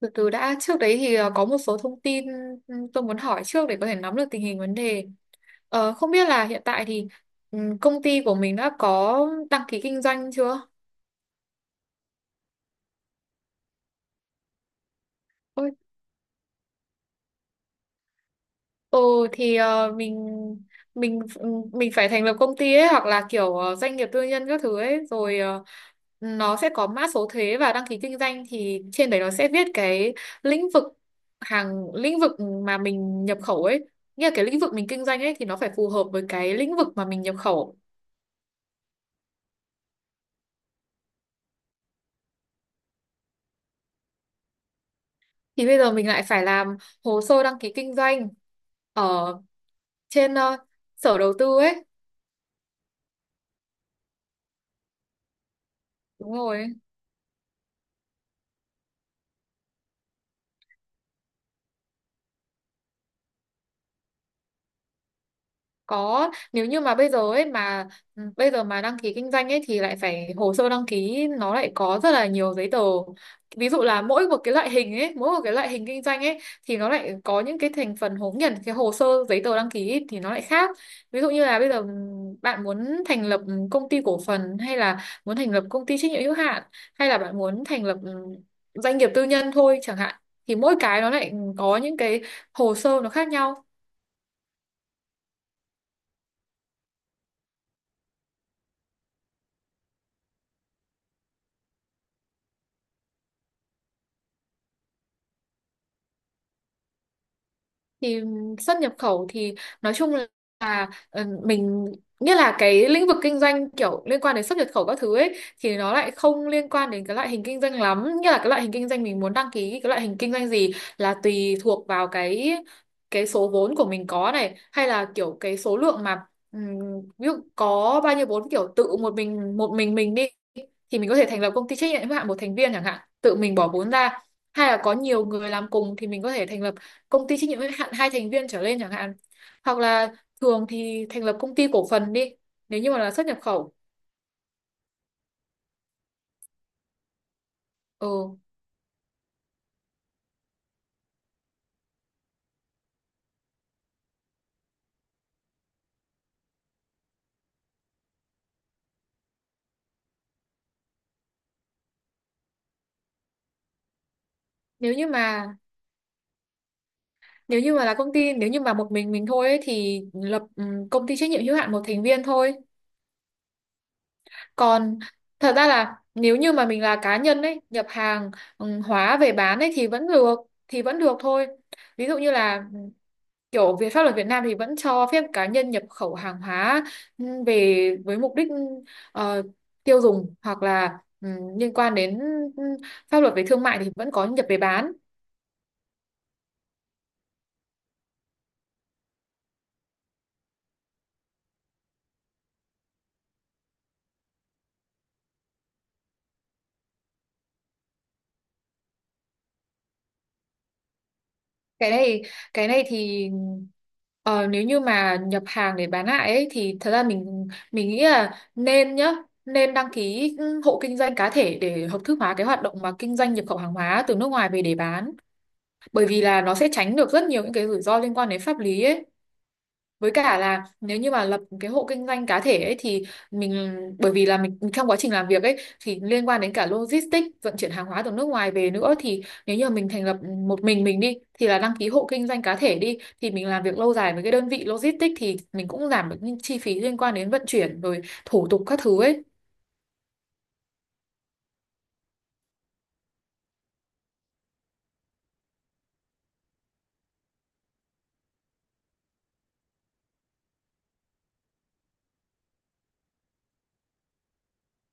Từ từ đã, trước đấy thì có một số thông tin tôi muốn hỏi trước để có thể nắm được tình hình vấn đề. Không biết là hiện tại thì công ty của mình đã có đăng ký kinh doanh chưa? Ừ, thì mình mình phải thành lập công ty ấy, hoặc là kiểu doanh nghiệp tư nhân các thứ ấy, rồi nó sẽ có mã số thuế và đăng ký kinh doanh, thì trên đấy nó sẽ viết cái lĩnh vực lĩnh vực mà mình nhập khẩu ấy, nghĩa là cái lĩnh vực mình kinh doanh ấy thì nó phải phù hợp với cái lĩnh vực mà mình nhập khẩu. Thì bây giờ mình lại phải làm hồ sơ đăng ký kinh doanh ở trên sở đầu tư ấy. Đúng rồi. Có, nếu như mà bây giờ ấy mà bây giờ mà đăng ký kinh doanh ấy thì lại phải hồ sơ đăng ký nó lại có rất là nhiều giấy tờ. Ví dụ là mỗi một cái loại hình ấy, mỗi một cái loại hình kinh doanh ấy thì nó lại có những cái thành phần hố nhận cái hồ sơ giấy tờ đăng ký ấy, thì nó lại khác. Ví dụ như là bây giờ bạn muốn thành lập công ty cổ phần, hay là muốn thành lập công ty trách nhiệm hữu hạn, hay là bạn muốn thành lập doanh nghiệp tư nhân thôi chẳng hạn, thì mỗi cái nó lại có những cái hồ sơ nó khác nhau. Thì xuất nhập khẩu thì nói chung là ờ, mình nghĩa là cái lĩnh vực kinh doanh kiểu liên quan đến xuất nhập khẩu các thứ ấy thì nó lại không liên quan đến cái loại hình kinh doanh lắm, nghĩa là cái loại hình kinh doanh mình muốn đăng ký, cái loại hình kinh doanh gì là tùy thuộc vào cái số vốn của mình có này, hay là kiểu cái số lượng mà ừm, ví dụ có bao nhiêu vốn, kiểu tự một mình mình đi thì mình có thể thành lập công ty trách nhiệm hữu hạn một thành viên chẳng hạn, tự mình bỏ vốn ra, hay là có nhiều người làm cùng thì mình có thể thành lập công ty trách nhiệm hữu hạn hai thành viên trở lên chẳng hạn. Hoặc là thường thì thành lập công ty cổ phần đi, nếu như mà là xuất nhập khẩu. Ừ. nếu như mà Nếu như mà là công ty, nếu như mà một mình thôi ấy, thì lập công ty trách nhiệm hữu hạn một thành viên thôi. Còn thật ra là nếu như mà mình là cá nhân ấy nhập hàng hóa về bán ấy, thì vẫn được, thì vẫn được thôi. Ví dụ như là kiểu về pháp luật Việt Nam thì vẫn cho phép cá nhân nhập khẩu hàng hóa về với mục đích ờ, tiêu dùng, hoặc là liên quan đến ừ, pháp luật về thương mại thì vẫn có nhập về bán. Cái này cái này thì nếu như mà nhập hàng để bán lại ấy, thì thật ra mình nghĩ là nên nhá, nên đăng ký hộ kinh doanh cá thể để hợp thức hóa cái hoạt động mà kinh doanh nhập khẩu hàng hóa từ nước ngoài về để bán, bởi vì là nó sẽ tránh được rất nhiều những cái rủi ro liên quan đến pháp lý ấy. Với cả là nếu như mà lập cái hộ kinh doanh cá thể ấy thì bởi vì là mình trong quá trình làm việc ấy thì liên quan đến cả logistics vận chuyển hàng hóa từ nước ngoài về nữa, thì nếu như mà mình thành lập một mình đi, thì là đăng ký hộ kinh doanh cá thể đi thì mình làm việc lâu dài với cái đơn vị logistics, thì mình cũng giảm được những chi phí liên quan đến vận chuyển rồi thủ tục các thứ ấy.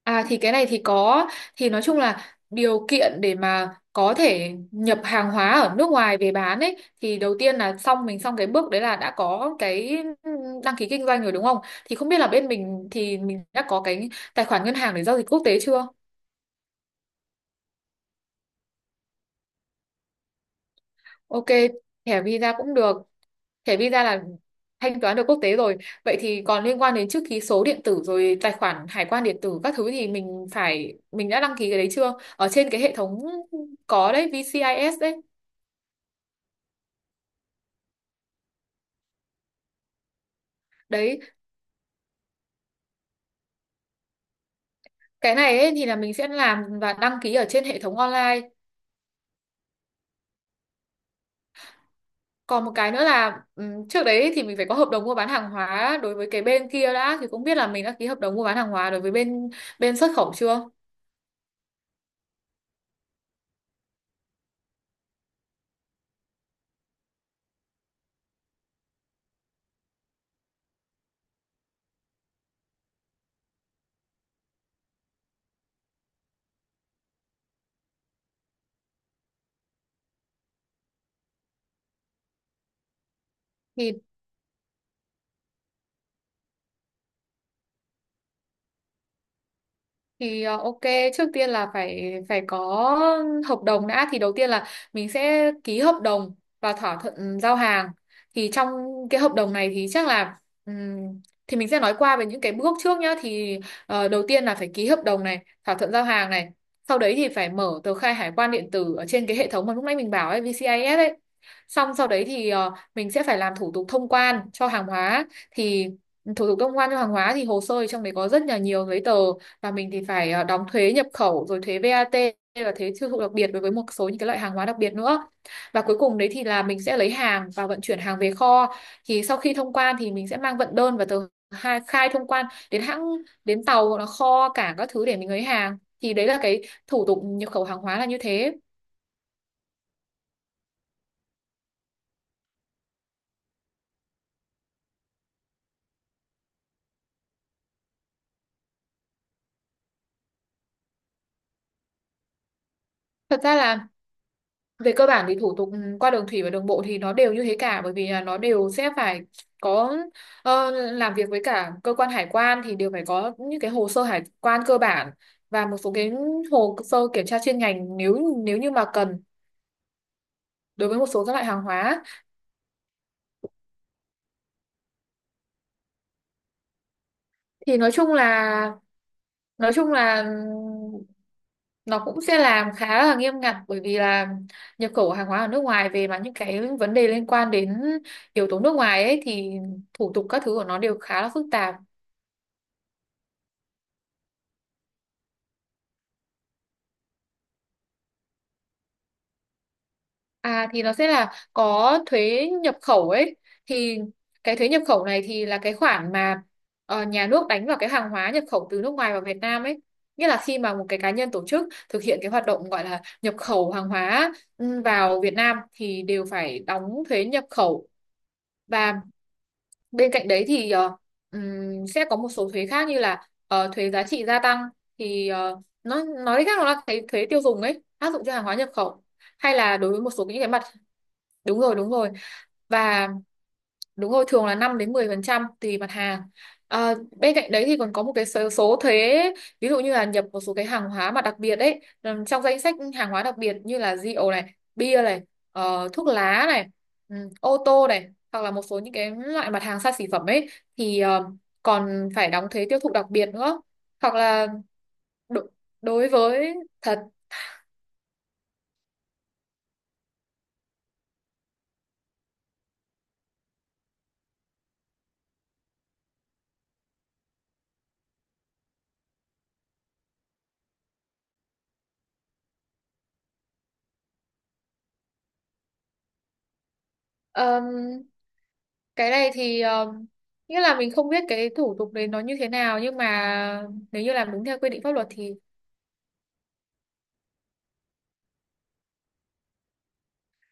À thì cái này thì có, thì nói chung là điều kiện để mà có thể nhập hàng hóa ở nước ngoài về bán ấy, thì đầu tiên là xong mình xong cái bước đấy là đã có cái đăng ký kinh doanh rồi, đúng không? Thì không biết là bên mình thì mình đã có cái tài khoản ngân hàng để giao dịch quốc tế chưa? Ok, thẻ Visa cũng được. Thẻ Visa là thanh toán được quốc tế rồi. Vậy thì còn liên quan đến chữ ký số điện tử rồi tài khoản hải quan điện tử các thứ thì mình phải, mình đã đăng ký cái đấy chưa, ở trên cái hệ thống có đấy VCIS đấy? Đấy, cái này ấy, thì là mình sẽ làm và đăng ký ở trên hệ thống online. Còn một cái nữa là trước đấy thì mình phải có hợp đồng mua bán hàng hóa đối với cái bên kia đã, thì cũng biết là mình đã ký hợp đồng mua bán hàng hóa đối với bên bên xuất khẩu chưa? Thì thì ok, trước tiên là phải phải có hợp đồng đã, thì đầu tiên là mình sẽ ký hợp đồng và thỏa thuận giao hàng. Thì trong cái hợp đồng này thì chắc là ừm, thì mình sẽ nói qua về những cái bước trước nhá, thì đầu tiên là phải ký hợp đồng này, thỏa thuận giao hàng này, sau đấy thì phải mở tờ khai hải quan điện tử ở trên cái hệ thống mà lúc nãy mình bảo ấy, VCIS ấy, xong sau đấy thì mình sẽ phải làm thủ tục thông quan cho hàng hóa. Thì thủ tục thông quan cho hàng hóa thì hồ sơ thì trong đấy có rất là nhiều giấy tờ, và mình thì phải đóng thuế nhập khẩu rồi thuế VAT và thuế tiêu thụ đặc biệt đối với một số những cái loại hàng hóa đặc biệt nữa. Và cuối cùng đấy thì là mình sẽ lấy hàng và vận chuyển hàng về kho. Thì sau khi thông quan thì mình sẽ mang vận đơn và tờ khai, khai thông quan đến hãng, đến tàu hoặc là kho cảng các thứ để mình lấy hàng. Thì đấy là cái thủ tục nhập khẩu hàng hóa là như thế. Thật ra là về cơ bản thì thủ tục qua đường thủy và đường bộ thì nó đều như thế cả, bởi vì là nó đều sẽ phải có làm việc với cả cơ quan hải quan, thì đều phải có những cái hồ sơ hải quan cơ bản và một số cái hồ sơ kiểm tra chuyên ngành nếu nếu như mà cần đối với một số các loại hàng hóa. Thì nói chung là nó cũng sẽ làm khá là nghiêm ngặt, bởi vì là nhập khẩu hàng hóa ở nước ngoài về mà những cái vấn đề liên quan đến yếu tố nước ngoài ấy thì thủ tục các thứ của nó đều khá là phức tạp. À thì nó sẽ là có thuế nhập khẩu ấy, thì cái thuế nhập khẩu này thì là cái khoản mà nhà nước đánh vào cái hàng hóa nhập khẩu từ nước ngoài vào Việt Nam ấy, nghĩa là khi mà một cái cá nhân tổ chức thực hiện cái hoạt động gọi là nhập khẩu hàng hóa vào Việt Nam thì đều phải đóng thuế nhập khẩu. Và bên cạnh đấy thì sẽ có một số thuế khác như là thuế giá trị gia tăng, thì nó nói cách khác nó là cái thuế tiêu dùng ấy áp dụng cho hàng hóa nhập khẩu, hay là đối với một số những cái mặt. Đúng rồi, đúng rồi. Và đúng rồi, thường là 5 đến 10% tùy mặt hàng. À, bên cạnh đấy thì còn có một cái số thuế, ví dụ như là nhập một số cái hàng hóa mà đặc biệt ấy, trong danh sách hàng hóa đặc biệt như là rượu này, bia này, thuốc lá này, ô tô này, hoặc là một số những cái loại mặt hàng xa xỉ phẩm ấy thì còn phải đóng thuế tiêu thụ đặc biệt nữa. Hoặc là đo- đối với thật cái này thì nghĩa là mình không biết cái thủ tục đấy nó như thế nào, nhưng mà nếu như làm đúng theo quy định pháp luật thì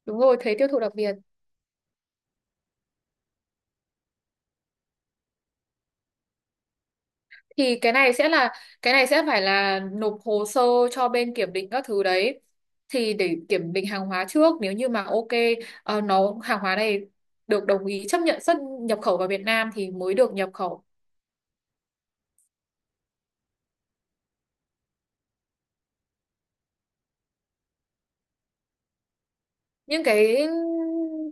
đúng rồi, thuế tiêu thụ đặc biệt. Thì cái này sẽ là, cái này sẽ phải là nộp hồ sơ cho bên kiểm định các thứ đấy thì để kiểm định hàng hóa trước, nếu như mà ok, nó hàng hóa này được đồng ý chấp nhận xuất nhập khẩu vào Việt Nam thì mới được nhập khẩu. Những cái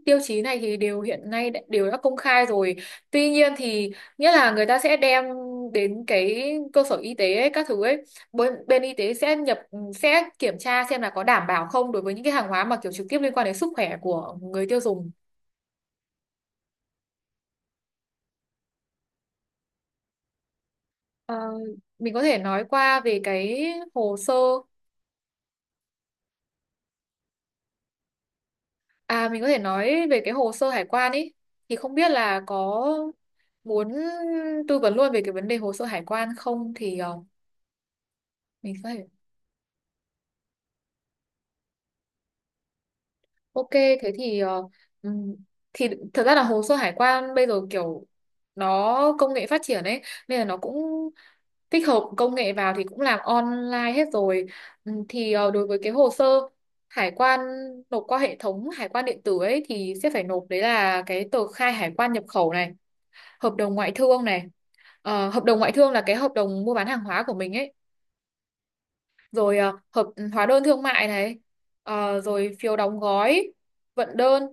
tiêu chí này thì đều hiện nay đều đã công khai rồi, tuy nhiên thì nghĩa là người ta sẽ đem đến cái cơ sở y tế ấy, các thứ ấy, bên y tế sẽ sẽ kiểm tra xem là có đảm bảo không đối với những cái hàng hóa mà kiểu trực tiếp liên quan đến sức khỏe của người tiêu dùng. Ờ, mình có thể nói qua về cái hồ sơ, à mình có thể nói về cái hồ sơ hải quan ấy, thì không biết là có muốn tư vấn luôn về cái vấn đề hồ sơ hải quan không, thì mình có thể. Ok, thế thì ừm, thì thật ra là hồ sơ hải quan bây giờ kiểu nó công nghệ phát triển ấy, nên là nó cũng tích hợp công nghệ vào thì cũng làm online hết rồi. Thì đối với cái hồ sơ hải quan nộp qua hệ thống hải quan điện tử ấy thì sẽ phải nộp, đấy là cái tờ khai hải quan nhập khẩu này, hợp đồng ngoại thương này. Ờ, hợp đồng ngoại thương là cái hợp đồng mua bán hàng hóa của mình ấy, rồi à, hóa đơn thương mại này, rồi phiếu đóng gói, vận đơn,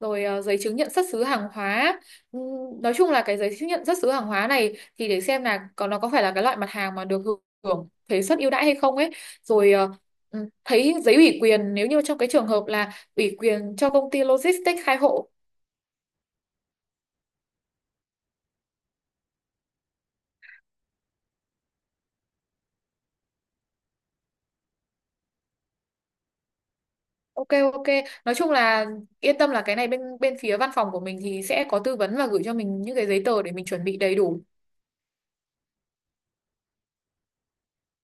rồi à, giấy chứng nhận xuất xứ hàng hóa. Nói chung là cái giấy chứng nhận xuất xứ hàng hóa này thì để xem là còn nó có phải là cái loại mặt hàng mà được hưởng thuế suất ưu đãi hay không ấy, rồi à, thấy giấy ủy quyền nếu như trong cái trường hợp là ủy quyền cho công ty logistics khai hộ. Ok, ok, nói chung là yên tâm là cái này bên bên phía văn phòng của mình thì sẽ có tư vấn và gửi cho mình những cái giấy tờ để mình chuẩn bị đầy đủ.